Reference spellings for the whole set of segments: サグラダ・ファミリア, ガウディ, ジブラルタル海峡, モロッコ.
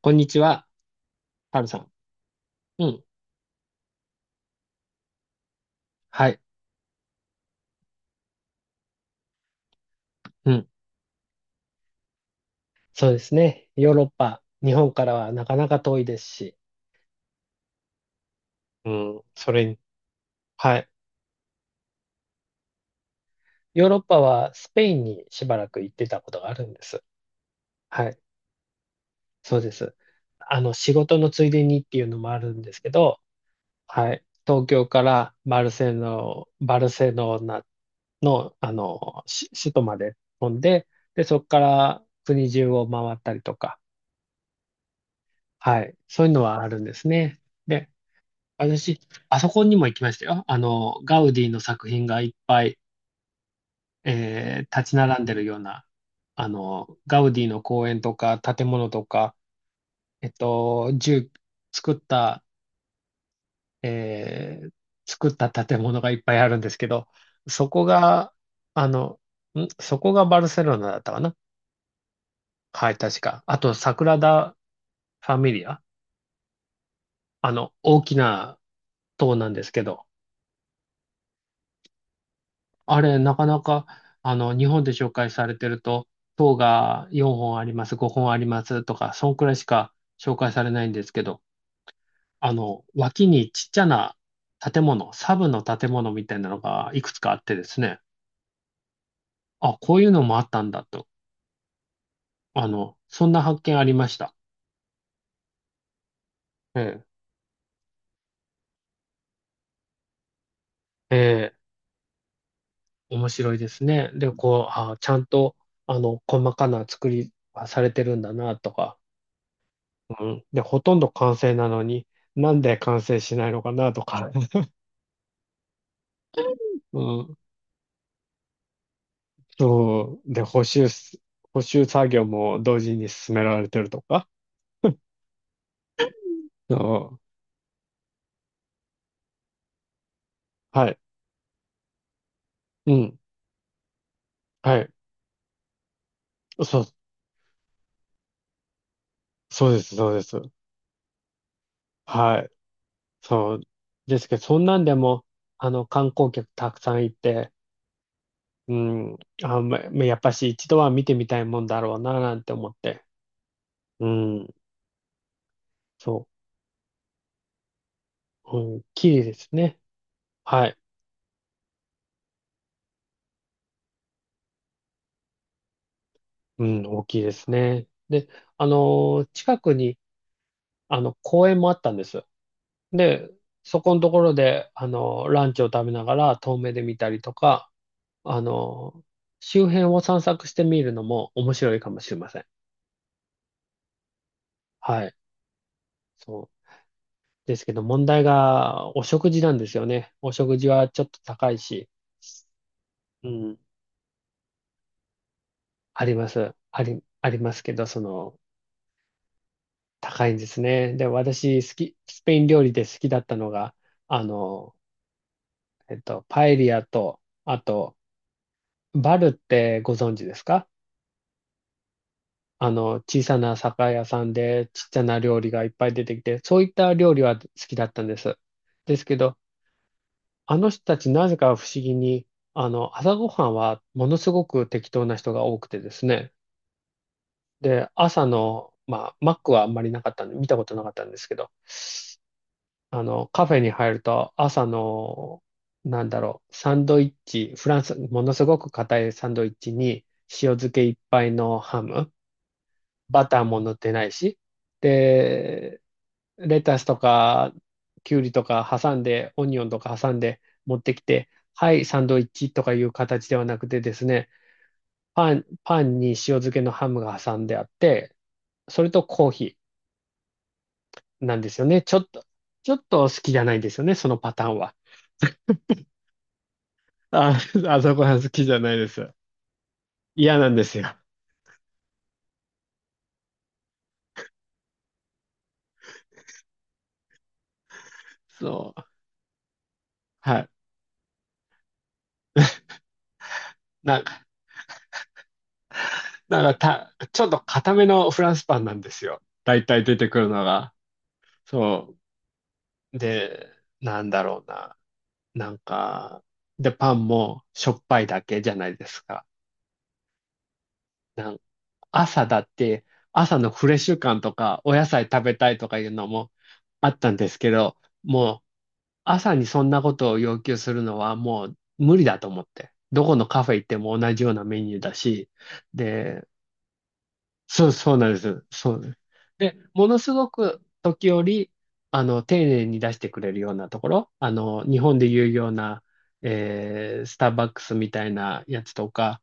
こんにちは、ハルさん。うん。はい。うん。そうですね。ヨーロッパ、日本からはなかなか遠いですし。うん。それに、はい。ヨーロッパはスペインにしばらく行ってたことがあるんです。はい。そうです。仕事のついでにっていうのもあるんですけど、はい。東京からバルセロナの、し首都まで飛んで、で、そこから国中を回ったりとか、はい。そういうのはあるんですね。で私、あそこにも行きましたよ。あの、ガウディの作品がいっぱい、立ち並んでるような、あの、ガウディの公園とか、建物とか、えっと、住、作った、えー作った建物がいっぱいあるんですけど、そこが、あの、そこがバルセロナだったかな？はい、確か。あと、サグラダ・ファミリア。あの、大きな塔なんですけど、あれ、なかなか、あの、日本で紹介されてると、塔が4本あります、5本ありますとか、そんくらいしか紹介されないんですけど、あの、脇にちっちゃな建物、サブの建物みたいなのがいくつかあってですね、あ、こういうのもあったんだと、あの、そんな発見ありました。ええ、ええ、面白いですね。で、こう、あ、ちゃんと、あの、細かな作りはされてるんだなとか、うん。で、ほとんど完成なのに、なんで完成しないのかなとか。うん。そう。で、補修作業も同時に進められてるとか。そうん。はい。うん。はい。そう、そうです、そうです。はい。そう。ですけど、そんなんでも、あの、観光客たくさんいて、うん。あ、ま、まやっぱし一度は見てみたいもんだろうな、なんて思って。うん。そう。うん。綺麗ですね。はい。うん、大きいですね。で、あの、近くに、あの、公園もあったんです。で、そこのところで、あの、ランチを食べながら遠目で見たりとか、あの、周辺を散策してみるのも面白いかもしれません。はい。そう。ですけど、問題が、お食事なんですよね。お食事はちょっと高いし、うん、あります。ありますけど、その、高いんですね。で、私、好き、スペイン料理で好きだったのが、あの、えっと、パエリアと、あと、バルってご存知ですか？あの、小さな酒屋さんでちっちゃな料理がいっぱい出てきて、そういった料理は好きだったんです。ですけど、あの人たちなぜか不思議に、あの、朝ごはんはものすごく適当な人が多くてですね。で、朝の、まあ、マックはあんまりなかったんで、見たことなかったんですけど、あの、カフェに入ると朝の、なんだろう、サンドイッチ、フランス、ものすごく硬いサンドイッチに塩漬けいっぱいのハム、バターも塗ってないし、で、レタスとか、キュウリとか挟んで、オニオンとか挟んで持ってきて、はい、サンドイッチとかいう形ではなくてですね、パンに塩漬けのハムが挟んであって、それとコーヒーなんですよね。ちょっと好きじゃないんですよね、そのパターンは。あ、あそこは好きじゃないです。嫌なんですよ。そう。はい。なんか、なんかた、ちょっと固めのフランスパンなんですよ。大体出てくるのが。そう。で、なんだろうな。なんか、で、パンもしょっぱいだけじゃないですか。なん朝だって、朝のフレッシュ感とか、お野菜食べたいとかいうのもあったんですけど、もう、朝にそんなことを要求するのはもう無理だと思って。どこのカフェ行っても同じようなメニューだし、で、そう、そうなんです。そうです。で、ものすごく時折、あの、丁寧に出してくれるようなところ、あの、日本でいうような、スターバックスみたいなやつとか、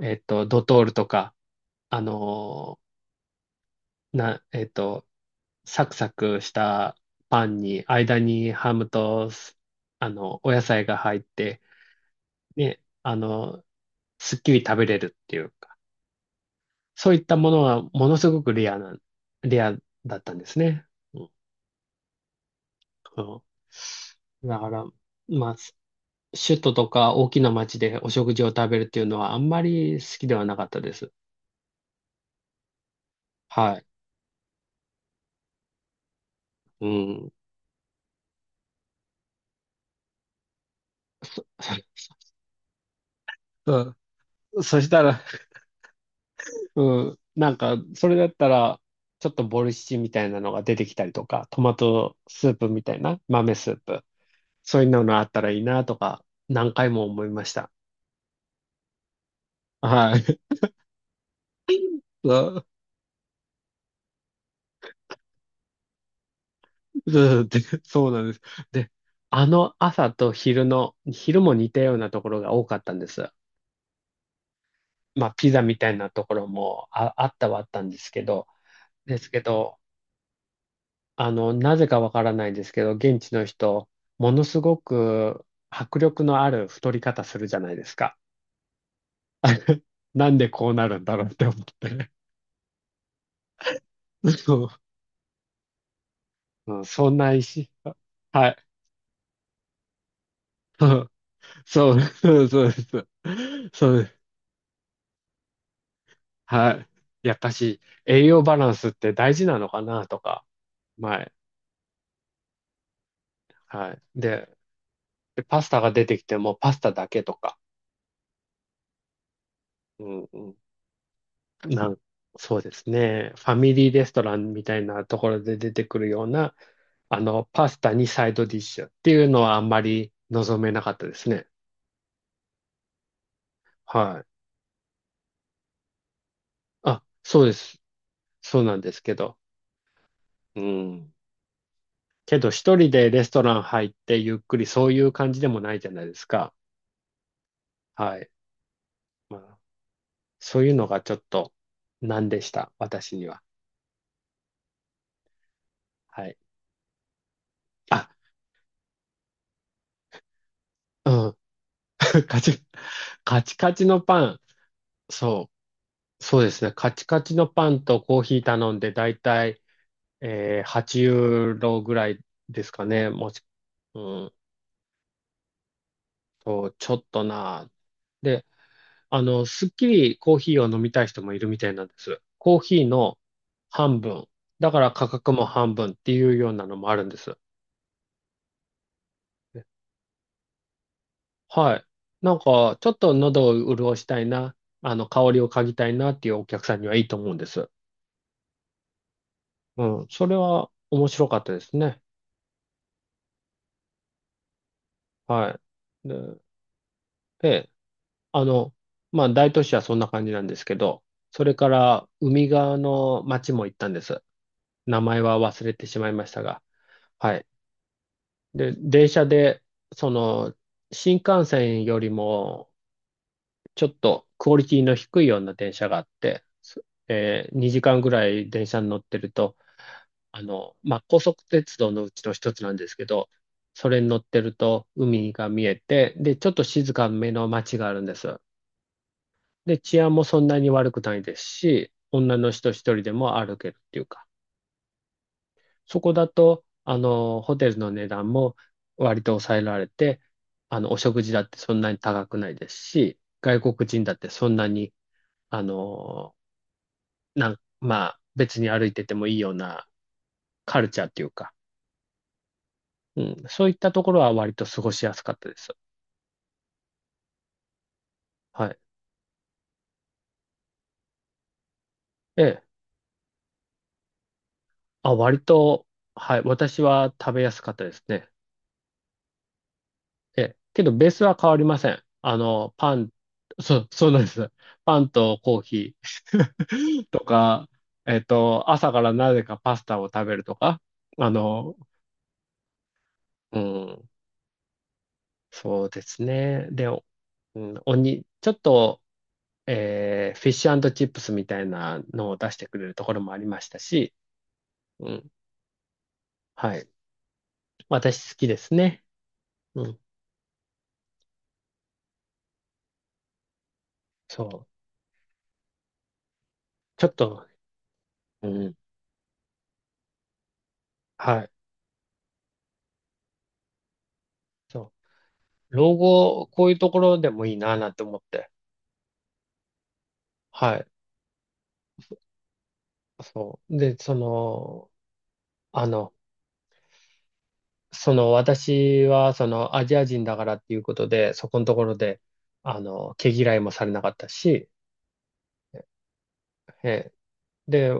えっと、ドトールとか、あのな、えっと、サクサクしたパンに、間にハムと、あの、お野菜が入って、ね、あの、すっきり食べれるっていうか、そういったものはものすごくレアな、レアだったんですね。うん。うんだから、まあ、首都とか大きな町でお食事を食べるっていうのはあんまり好きではなかったです。はい。うん。そうそしたら、うん。なんか、それだったら、ちょっとボルシチみたいなのが出てきたりとか、トマトスープみたいな、豆スープ。そういうのがあったらいいなとか、何回も思いました。はい。そうそうでそうなんです。で、あの朝と昼の、昼も似たようなところが多かったんです。まあ、ピザみたいなところもあ、あったはあったんですけど、ですけど、あの、なぜかわからないんですけど、現地の人、ものすごく迫力のある太り方するじゃないですか。なんでこうなるんだろうって思って。そう、うん、そんな石。はい。うんそう、そうそうです。そうです。はい。やっぱし、栄養バランスって大事なのかなとか、前。はい。で、でパスタが出てきてもパスタだけとか。うんうんなん、そうですね。ファミリーレストランみたいなところで出てくるような、あの、パスタにサイドディッシュっていうのはあんまり望めなかったですね。はい。あ、そうです。そうなんですけど。うん。けど一人でレストラン入ってゆっくりそういう感じでもないじゃないですか。はい。まあ、そういうのがちょっと難でした。私には。はい。あ、うん。カチ、カチカチのパン。そう。そうですね。カチカチのパンとコーヒー頼んで、だいたい、8ユーロぐらいですかね。もし、うん、と、ちょっとな。で、あの、すっきりコーヒーを飲みたい人もいるみたいなんです。コーヒーの半分。だから価格も半分っていうようなのもあるんです。はい。なんか、ちょっと喉を潤したいな、あの、香りを嗅ぎたいなっていうお客さんにはいいと思うんです。うん。それは面白かったですね。はい。で、えあの、まあ、大都市はそんな感じなんですけど、それから海側の町も行ったんです。名前は忘れてしまいましたが。はい。で、電車で、その、新幹線よりも、ちょっとクオリティの低いような電車があって、2時間ぐらい電車に乗ってると、あの、まあ、高速鉄道のうちの一つなんですけど、それに乗ってると海が見えて、で、ちょっと静かめの町があるんです。で、治安もそんなに悪くないですし、女の人一人でも歩けるっていうか、そこだと、ホテルの値段も割と抑えられて、お食事だってそんなに高くないですし、外国人だってそんなに、あの、まあ、別に歩いててもいいようなカルチャーっていうか、うん、そういったところは割と過ごしやすかったです。はい。ええ。あ、割と、はい。私は食べやすかったですね。え、けどベースは変わりません。あの、パン、そう、そうなんです。パンとコーヒー とか、朝からなぜかパスタを食べるとか、あの、うん、そうですね。で、おうん、おに、ちょっと、フィッシュチップスみたいなのを出してくれるところもありましたし、うん、はい。私好きですね。うん、そう。ちょっと、うん、はい。そう、老後、こういうところでもいいなぁなんて思って。はい。そう。で、その、あの、その私はそのアジア人だからっていうことで、そこのところで、毛嫌いもされなかったし、えで、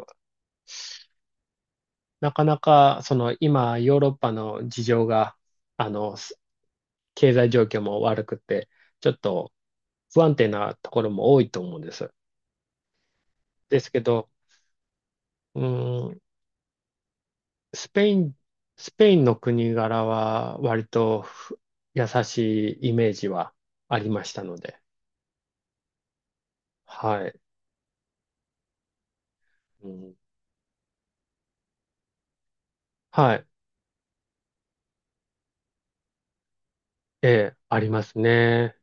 なかなか、その今、ヨーロッパの事情が、あの、す経済状況も悪くて、ちょっと不安定なところも多いと思うんです。ですけど、うーん、スペイン、スペインの国柄は割と優しいイメージはありましたので。はい。うん、はい。ええ、ありますね。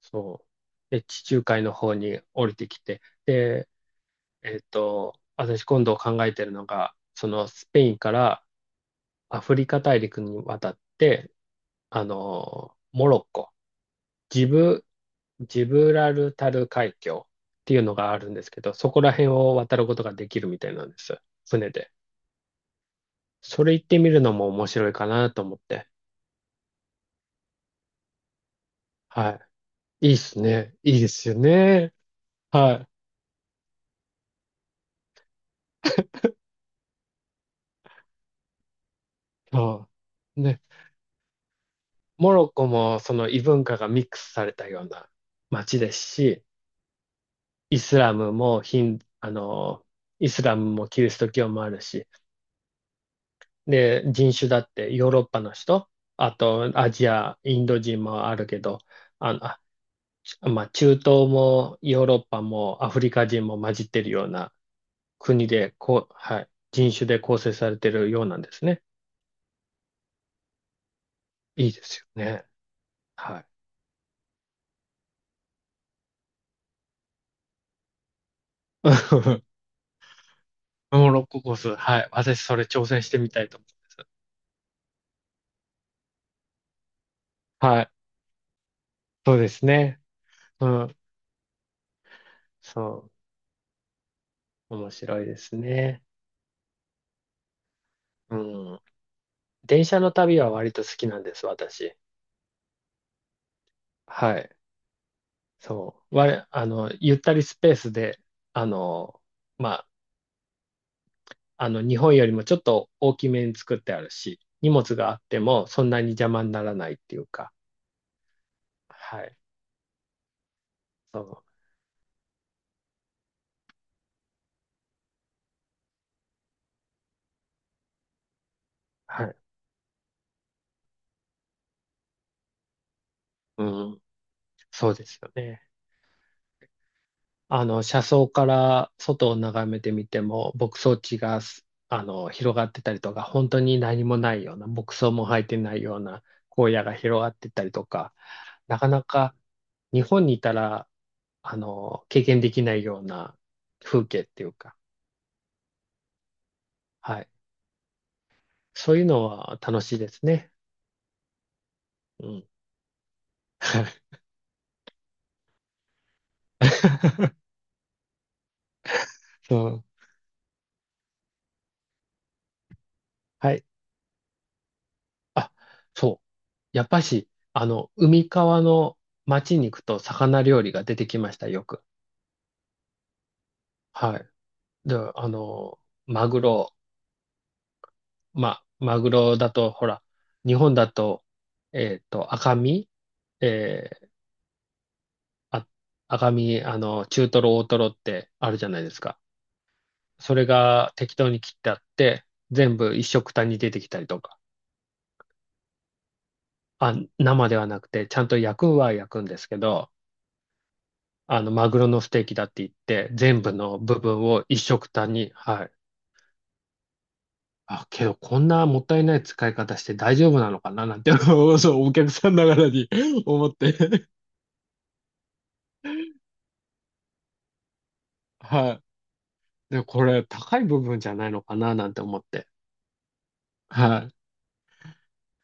そう。で、地中海の方に降りてきて。で、私今度考えてるのが、そのスペインからアフリカ大陸に渡って、あの、モロッコ。ジブ、ジブラルタル海峡っていうのがあるんですけど、そこら辺を渡ることができるみたいなんです。船で。それ行ってみるのも面白いかなと思って。はい。いいっすね。いいですよね。はい。そう。ね。モロッコもその異文化がミックスされたような街ですし、イスラムもヒン、あの、イスラムもキリスト教もあるし、で、人種だってヨーロッパの人、あとアジア、インド人もあるけど、あの、まあ、中東もヨーロッパもアフリカ人も混じってるような国で、こう、はい、人種で構成されてるようなんですね。いいですよね。はい。モロッココース、はい。私それ挑戦してみたいと思います。はい。そうですね。うん。そう。面白いですね。うん。電車の旅は割と好きなんです、私。はい。そう。我、あの、ゆったりスペースで、あの、まあの、日本よりもちょっと大きめに作ってあるし、荷物があってもそんなに邪魔にならないっていうか、はい。そう。はい。うん。そうですよね。あの、車窓から外を眺めてみても、牧草地が、あの、広がってたりとか、本当に何もないような、牧草も生えてないような荒野が広がってたりとか、なかなか日本にいたら、あの、経験できないような風景っていうか、はい。そういうのは楽しいですね。うん。そう。はい。あ、そう。やっぱし、あの、海側の町に行くと魚料理が出てきました、よく。はい。で、あの、マグロ、マグロだと、ほら、日本だと、赤身、えーあ、赤身、あの、中トロ、大トロってあるじゃないですか。それが適当に切ってあって、全部一緒くたに出てきたりとか。あ、生ではなくて、ちゃんと焼くは焼くんですけど、あの、マグロのステーキだって言って、全部の部分を一食単に、はい。あ、けど、こんなもったいない使い方して大丈夫なのかななんて、そう、お客さんながらに 思って。はい。で、これ、高い部分じゃないのかななんて思って。はい。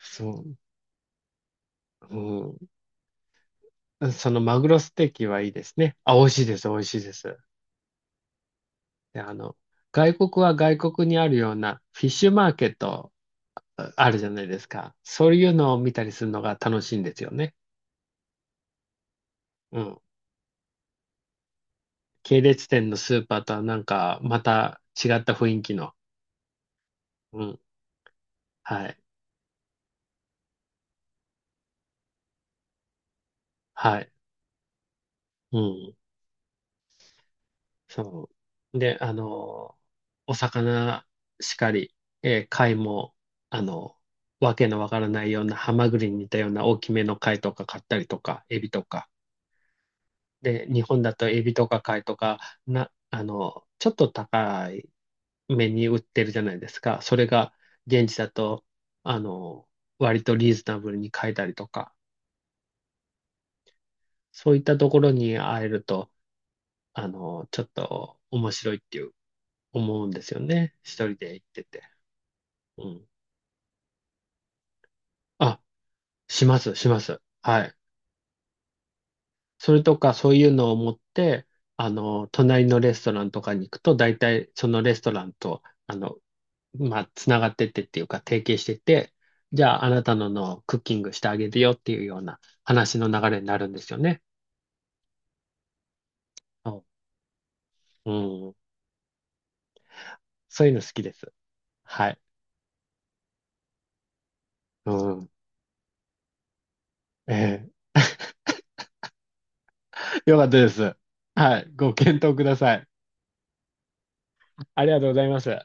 そう。うん。そのマグロステーキはいいですね。あ、美味しいです、美味しいです。で、あの、外国は外国にあるようなフィッシュマーケットあるじゃないですか。そういうのを見たりするのが楽しいんですよね。うん。系列店のスーパーとはなんか、また違った雰囲気の。うん。はい。はい。うん。そう。で、あの、お魚しかり、えー貝も、あの、わけのわからないようなハマグリに似たような大きめの貝とか買ったりとか、エビとか。で、日本だとエビとか貝とか、あの、ちょっと高い目に売ってるじゃないですか。それが現地だと、あの、割とリーズナブルに買えたりとか。そういったところに会えると、あの、ちょっと面白いっていう思うんですよね。一人で行ってて。うん。あ、します、します。はい。それとか、そういうのを持って、あの、隣のレストランとかに行くと、大体そのレストランと、あの、まあ、つながってってっていうか、提携してて、じゃあ、あなたののクッキングしてあげるよっていうような話の流れになるんですよね。そううん。そういうの好きです。はい。うん。ええ、よかったです。はい。ご検討ください。ありがとうございます。